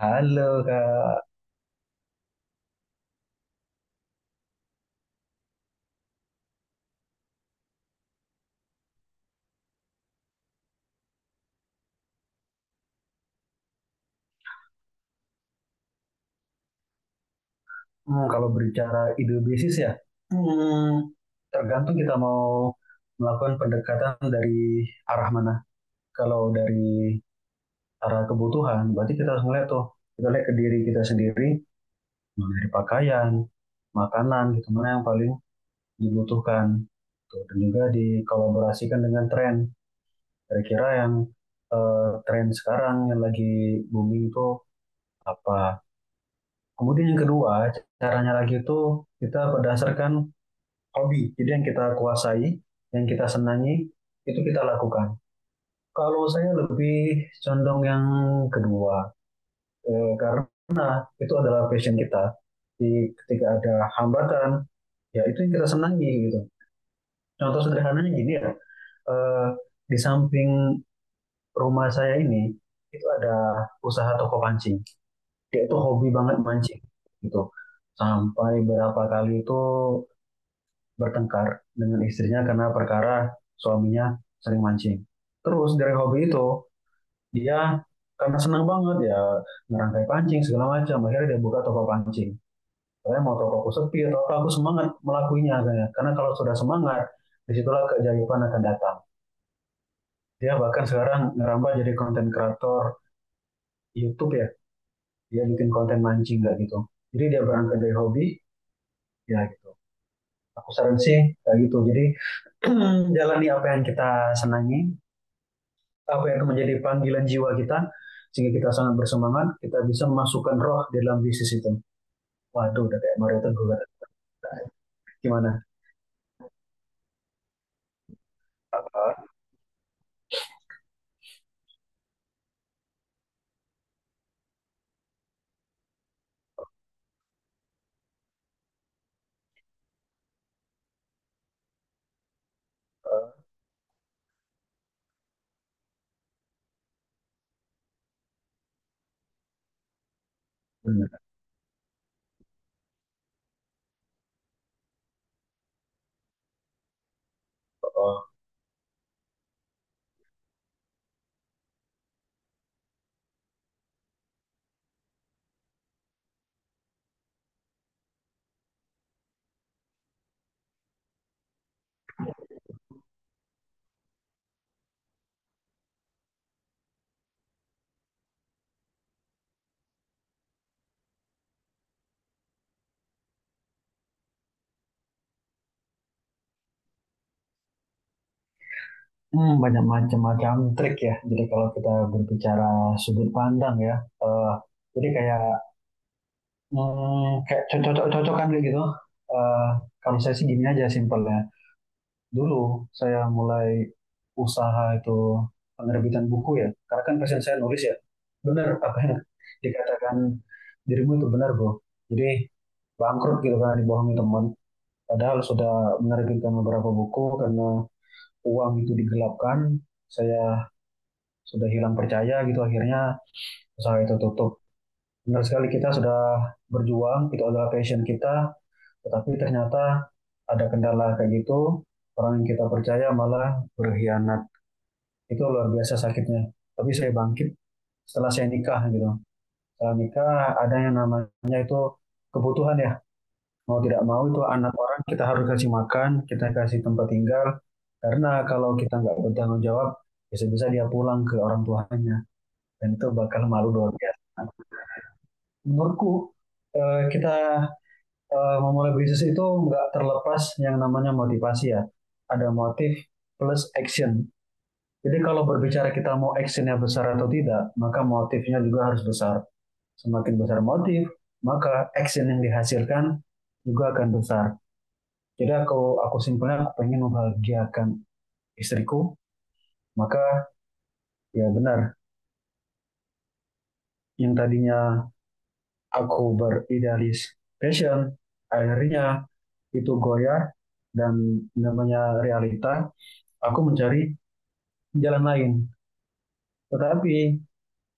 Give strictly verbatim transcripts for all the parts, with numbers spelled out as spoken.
Halo Kak. Hmm, kalau berbicara ide bisnis ya, Hmm, tergantung kita mau melakukan pendekatan dari arah mana. Kalau dari arah kebutuhan, berarti kita harus melihat tuh, kita lihat ke diri kita sendiri, mulai dari pakaian, makanan, gitu, mana yang paling dibutuhkan. Tuh, dan juga dikolaborasikan dengan tren. Kira-kira yang eh, tren sekarang yang lagi booming itu apa. Kemudian yang kedua, caranya lagi itu kita berdasarkan hobi. Jadi yang kita kuasai, yang kita senangi, itu kita lakukan. Kalau saya lebih condong yang kedua, eh, karena itu adalah passion kita. Di, ketika ada hambatan, ya itu yang kita senangi gitu. Contoh sederhananya gini ya, eh, di samping rumah saya ini, itu ada usaha toko pancing. Dia itu hobi banget mancing gitu. Sampai berapa kali itu bertengkar dengan istrinya karena perkara suaminya sering mancing. Terus dari hobi itu dia karena senang banget ya ngerangkai pancing segala macam akhirnya dia buka toko pancing. Saya mau toko aku sepi atau apa, aku semangat melakuinya akhirnya. Karena kalau sudah semangat disitulah keajaiban akan datang. Dia bahkan sekarang ngerambah jadi konten kreator YouTube ya. Dia bikin konten mancing nggak gitu. Jadi dia berangkat dari hobi ya gitu. Aku saran sih kayak gitu. Jadi jalani apa yang kita senangi, apa yang menjadi panggilan jiwa kita sehingga kita sangat bersemangat kita bisa memasukkan roh di dalam bisnis itu, waduh udah kayak Mario Teguh. Gimana? Bener. Oh. hmm, banyak macam-macam trik ya, jadi kalau kita berbicara sudut pandang ya, eh, jadi kayak hmm, kayak cocok-cocokan kayak gitu. Eh, kalau saya sih gini aja simpel ya. Dulu saya mulai usaha itu penerbitan buku ya. Karena kan passion saya nulis ya. Benar apa yang dikatakan dirimu itu benar, Bro. Jadi bangkrut gitu kan dibohongi teman. Padahal sudah menerbitkan beberapa buku karena uang itu digelapkan, saya sudah hilang percaya gitu akhirnya usaha itu tutup. Benar sekali kita sudah berjuang, itu adalah passion kita, tetapi ternyata ada kendala kayak gitu, orang yang kita percaya malah berkhianat. Itu luar biasa sakitnya. Tapi saya bangkit setelah saya nikah gitu. Setelah nikah ada yang namanya itu kebutuhan ya. Mau tidak mau itu anak orang kita harus kasih makan, kita kasih tempat tinggal. Karena kalau kita nggak bertanggung jawab, bisa-bisa dia pulang ke orang tuanya. Dan itu bakal malu luar biasa. Menurutku eh, kita eh, memulai bisnis itu nggak terlepas yang namanya motivasi ya. Ada motif plus action. Jadi kalau berbicara kita mau actionnya besar atau tidak, maka motifnya juga harus besar. Semakin besar motif, maka action yang dihasilkan juga akan besar. Jadi aku, aku simpelnya aku pengen membahagiakan istriku, maka ya benar, yang tadinya aku beridealis passion, akhirnya itu goyah dan namanya realita, aku mencari jalan lain. Tetapi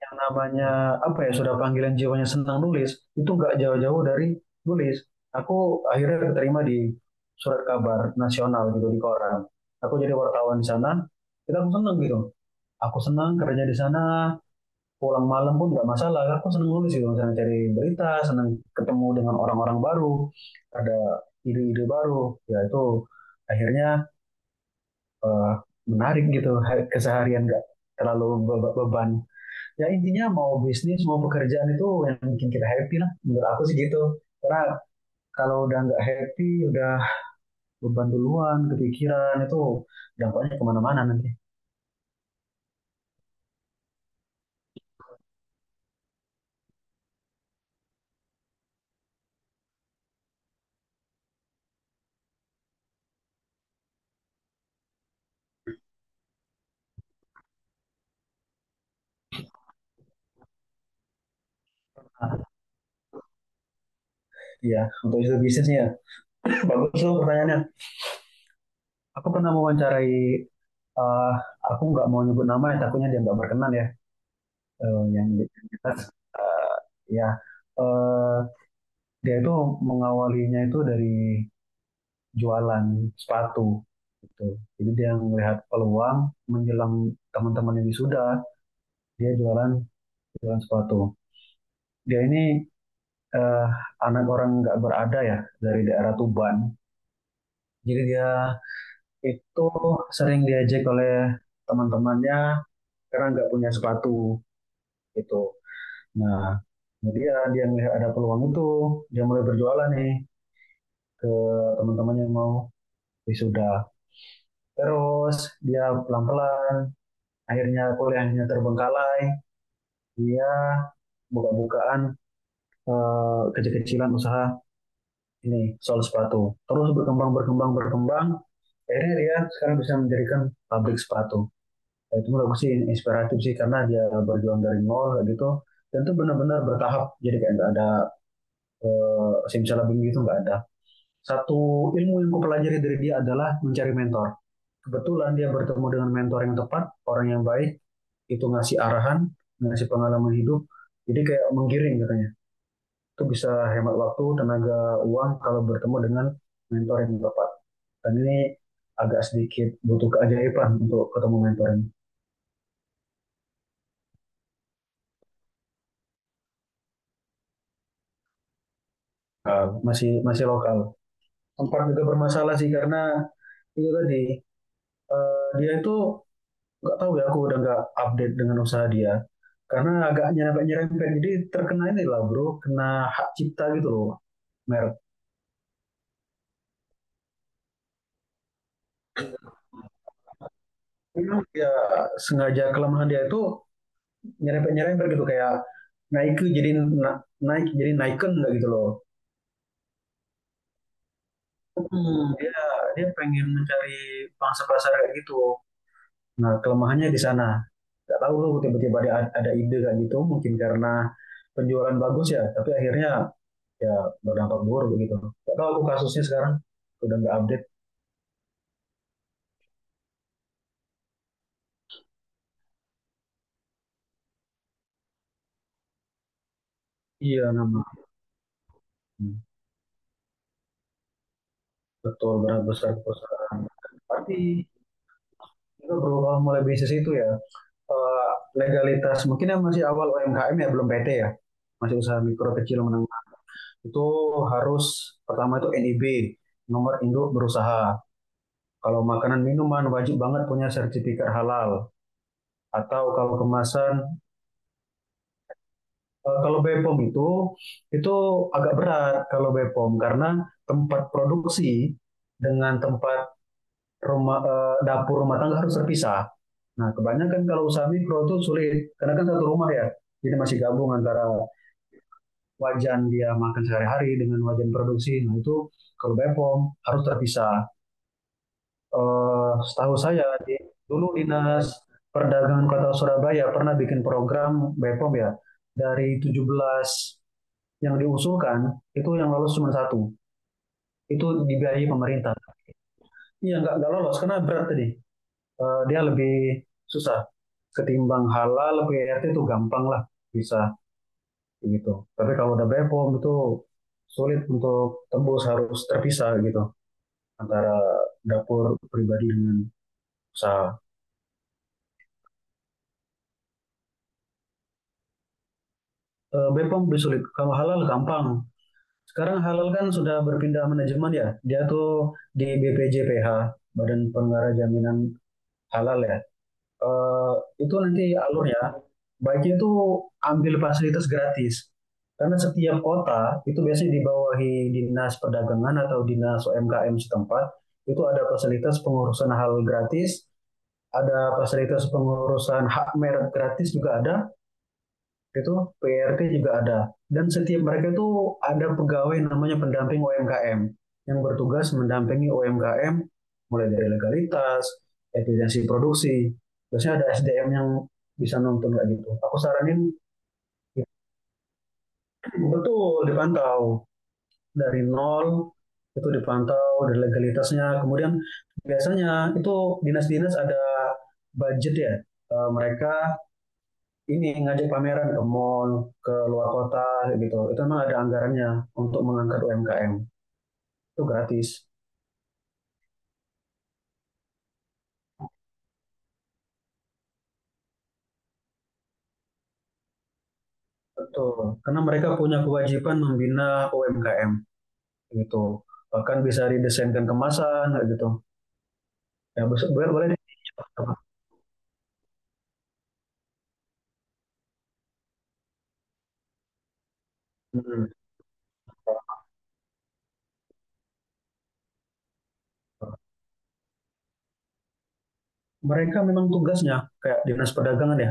yang namanya apa ya sudah panggilan jiwanya senang nulis itu nggak jauh-jauh dari nulis aku akhirnya keterima di surat kabar nasional gitu di koran aku jadi wartawan di sana kita aku seneng gitu aku senang kerja di sana pulang malam pun nggak masalah aku seneng nulis gitu misalnya cari berita seneng ketemu dengan orang-orang baru ada ide-ide baru ya itu akhirnya eh, menarik gitu keseharian nggak terlalu be- beban ya intinya mau bisnis mau pekerjaan itu yang bikin kita happy lah menurut aku sih gitu karena kalau udah nggak happy udah beban duluan kepikiran itu dampaknya kemana-mana nanti. Iya, untuk itu bisnisnya bagus loh pertanyaannya. Aku pernah mewawancarai, eh aku nggak mau nyebut nama ya takutnya dia nggak berkenan ya. Eh, yang di- eh, ya eh, Dia itu mengawalinya itu dari jualan sepatu gitu. Jadi dia melihat peluang menjelang teman-teman yang wisuda, dia jualan jualan sepatu. Dia ini eh, anak orang nggak berada ya dari daerah Tuban. Jadi dia itu sering diajak oleh teman-temannya karena nggak punya sepatu gitu. Nah, kemudian dia melihat ada peluang itu, dia mulai berjualan nih ke teman-teman yang mau wisuda. Terus dia pelan-pelan akhirnya kuliahnya terbengkalai dia buka-bukaan eh, kecil-kecilan usaha ini sol sepatu terus berkembang berkembang berkembang akhirnya dia sekarang bisa mendirikan pabrik sepatu. Nah, itu menurut aku sih inspiratif sih karena dia berjuang dari nol kayak gitu dan itu benar-benar bertahap jadi kayak nggak ada eh, simsalabim gitu nggak ada satu ilmu yang kupelajari dari dia adalah mencari mentor, kebetulan dia bertemu dengan mentor yang tepat orang yang baik itu ngasih arahan, ngasih pengalaman hidup. Jadi kayak menggiring katanya. Itu bisa hemat waktu, tenaga, uang kalau bertemu dengan mentor yang tepat. Dan ini agak sedikit butuh keajaiban untuk ketemu mentor ini. Uh, masih masih lokal. Tempat juga bermasalah sih karena itu tadi dia itu nggak tahu ya aku udah nggak update dengan usaha dia karena agaknya agak nyerempet jadi terkena ini lah bro kena hak cipta gitu loh merek. Memang ya sengaja kelemahan dia itu nyerempet-nyerempet gitu kayak naik jadi na- naik jadi naiken nggak gitu loh. Hmm. Dia dia pengen mencari pangsa pasar kayak gitu. Nah, kelemahannya di sana. Nggak tahu loh tiba-tiba ada, ada ide kayak gitu mungkin karena penjualan bagus ya, tapi akhirnya ya berdampak buruk begitu. Nggak tahu aku kasusnya sekarang udah nggak update. Iya, nama betul berat besar perusahaan. Tapi juga bro mulai bisnis itu ya eh, legalitas mungkin yang masih awal U M K M ya belum P T ya masih usaha mikro kecil menengah itu harus pertama itu N I B, nomor induk berusaha, kalau makanan minuman wajib banget punya sertifikat halal atau kalau kemasan eh, kalau B P O M itu itu agak berat kalau B P O M karena tempat produksi dengan tempat rumah, eh, dapur rumah tangga harus terpisah. Nah kebanyakan kalau usaha mikro itu sulit karena kan satu rumah ya jadi masih gabung antara wajan dia makan sehari-hari dengan wajan produksi. Nah itu kalau BEPOM harus terpisah. Eh, setahu saya di, dulu dinas perdagangan kota Surabaya pernah bikin program BEPOM ya dari tujuh belas yang diusulkan itu yang lolos cuma satu itu dibiayai pemerintah. Iya nggak nggak lolos karena berat tadi. Eh, dia lebih susah ketimbang halal P R T itu gampang lah bisa gitu. Tapi kalau udah Bepom itu sulit untuk tembus harus terpisah gitu antara dapur pribadi dengan usaha. Eh, Bepom lebih sulit. Kalau halal gampang. Sekarang halal kan sudah berpindah manajemen ya. Dia tuh di B P J P H, Badan Pengarah Jaminan Halal ya. eh, itu nanti alurnya baiknya itu ambil fasilitas gratis karena setiap kota itu biasanya dibawahi dinas perdagangan atau dinas U M K M setempat itu ada fasilitas pengurusan hal gratis ada fasilitas pengurusan hak merek gratis juga ada itu P R T juga ada. Dan setiap mereka itu ada pegawai namanya pendamping U M K M yang bertugas mendampingi U M K M mulai dari legalitas, efisiensi produksi. Biasanya ada S D M yang bisa nonton kayak gitu. Aku saranin. Ya, betul dipantau dari nol itu dipantau dari legalitasnya. Kemudian biasanya itu dinas-dinas ada budget ya. Eh, mereka ini ngajak pameran ke mall, ke luar kota gitu. Itu memang ada anggarannya untuk mengangkat U M K M. Itu gratis. Betul. Karena mereka punya kewajiban membina U M K M gitu. Bahkan bisa didesainkan kemasan gitu. Ya, boleh boleh. Hmm. Mereka memang tugasnya kayak Dinas Perdagangan ya.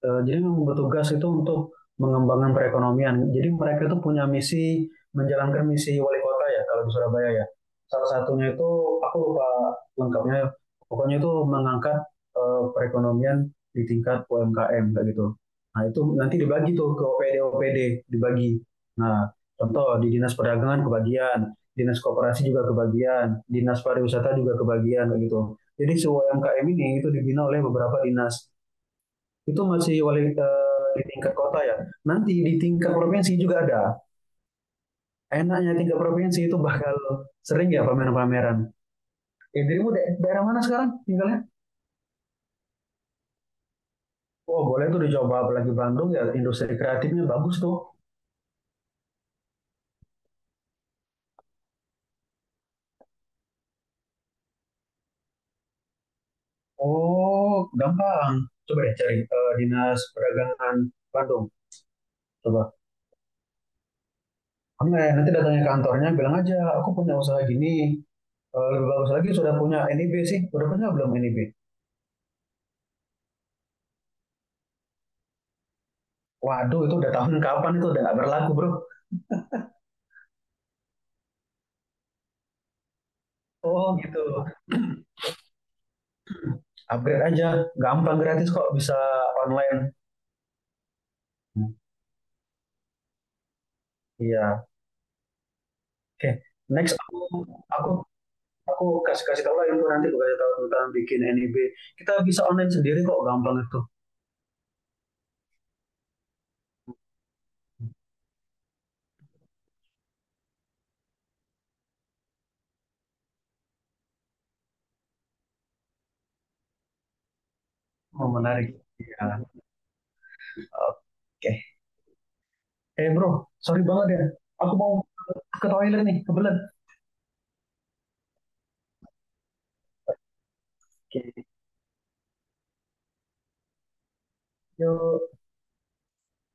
Eh, Jadi memang bertugas itu untuk mengembangkan perekonomian. Jadi mereka itu punya misi menjalankan misi wali kota ya kalau di Surabaya ya. Salah satunya itu aku lupa lengkapnya, ya. Pokoknya itu mengangkat eh, perekonomian di tingkat U M K M kayak gitu. Nah itu nanti dibagi tuh ke O P D O P D dibagi. Nah contoh di dinas perdagangan kebagian, dinas koperasi juga kebagian, dinas pariwisata juga kebagian kayak gitu. Jadi si U M K M ini itu dibina oleh beberapa dinas. Itu masih wali, eh, di tingkat kota ya. Nanti di tingkat provinsi juga ada. Enaknya tingkat provinsi itu bakal sering ya pameran-pameran. Eh, dirimu da- daerah mana sekarang tinggalnya? Oh, boleh tuh dicoba apalagi Bandung ya industri kreatifnya bagus tuh. Oh, gampang. Coba deh cari eh, Dinas Perdagangan Bandung. Coba. Online. Nanti datangnya ke kantornya bilang aja, aku punya usaha gini. Eh, lebih bagus lagi sudah punya N I B sih. Udah punya belum N I B? Waduh, itu udah tahun kapan itu udah nggak berlaku, bro. Oh, gitu. Upgrade aja gampang gratis kok bisa online. Iya. Oke. Okay. Next aku aku aku kasih kasih tahu lah itu nanti aku kasih tahu tentang bikin N I B kita bisa online sendiri kok gampang itu. Oh, menarik. Iya. Oke. Okay. eh bro sorry banget ya aku mau ke toilet nih kebelet. Oke. Okay. Yo.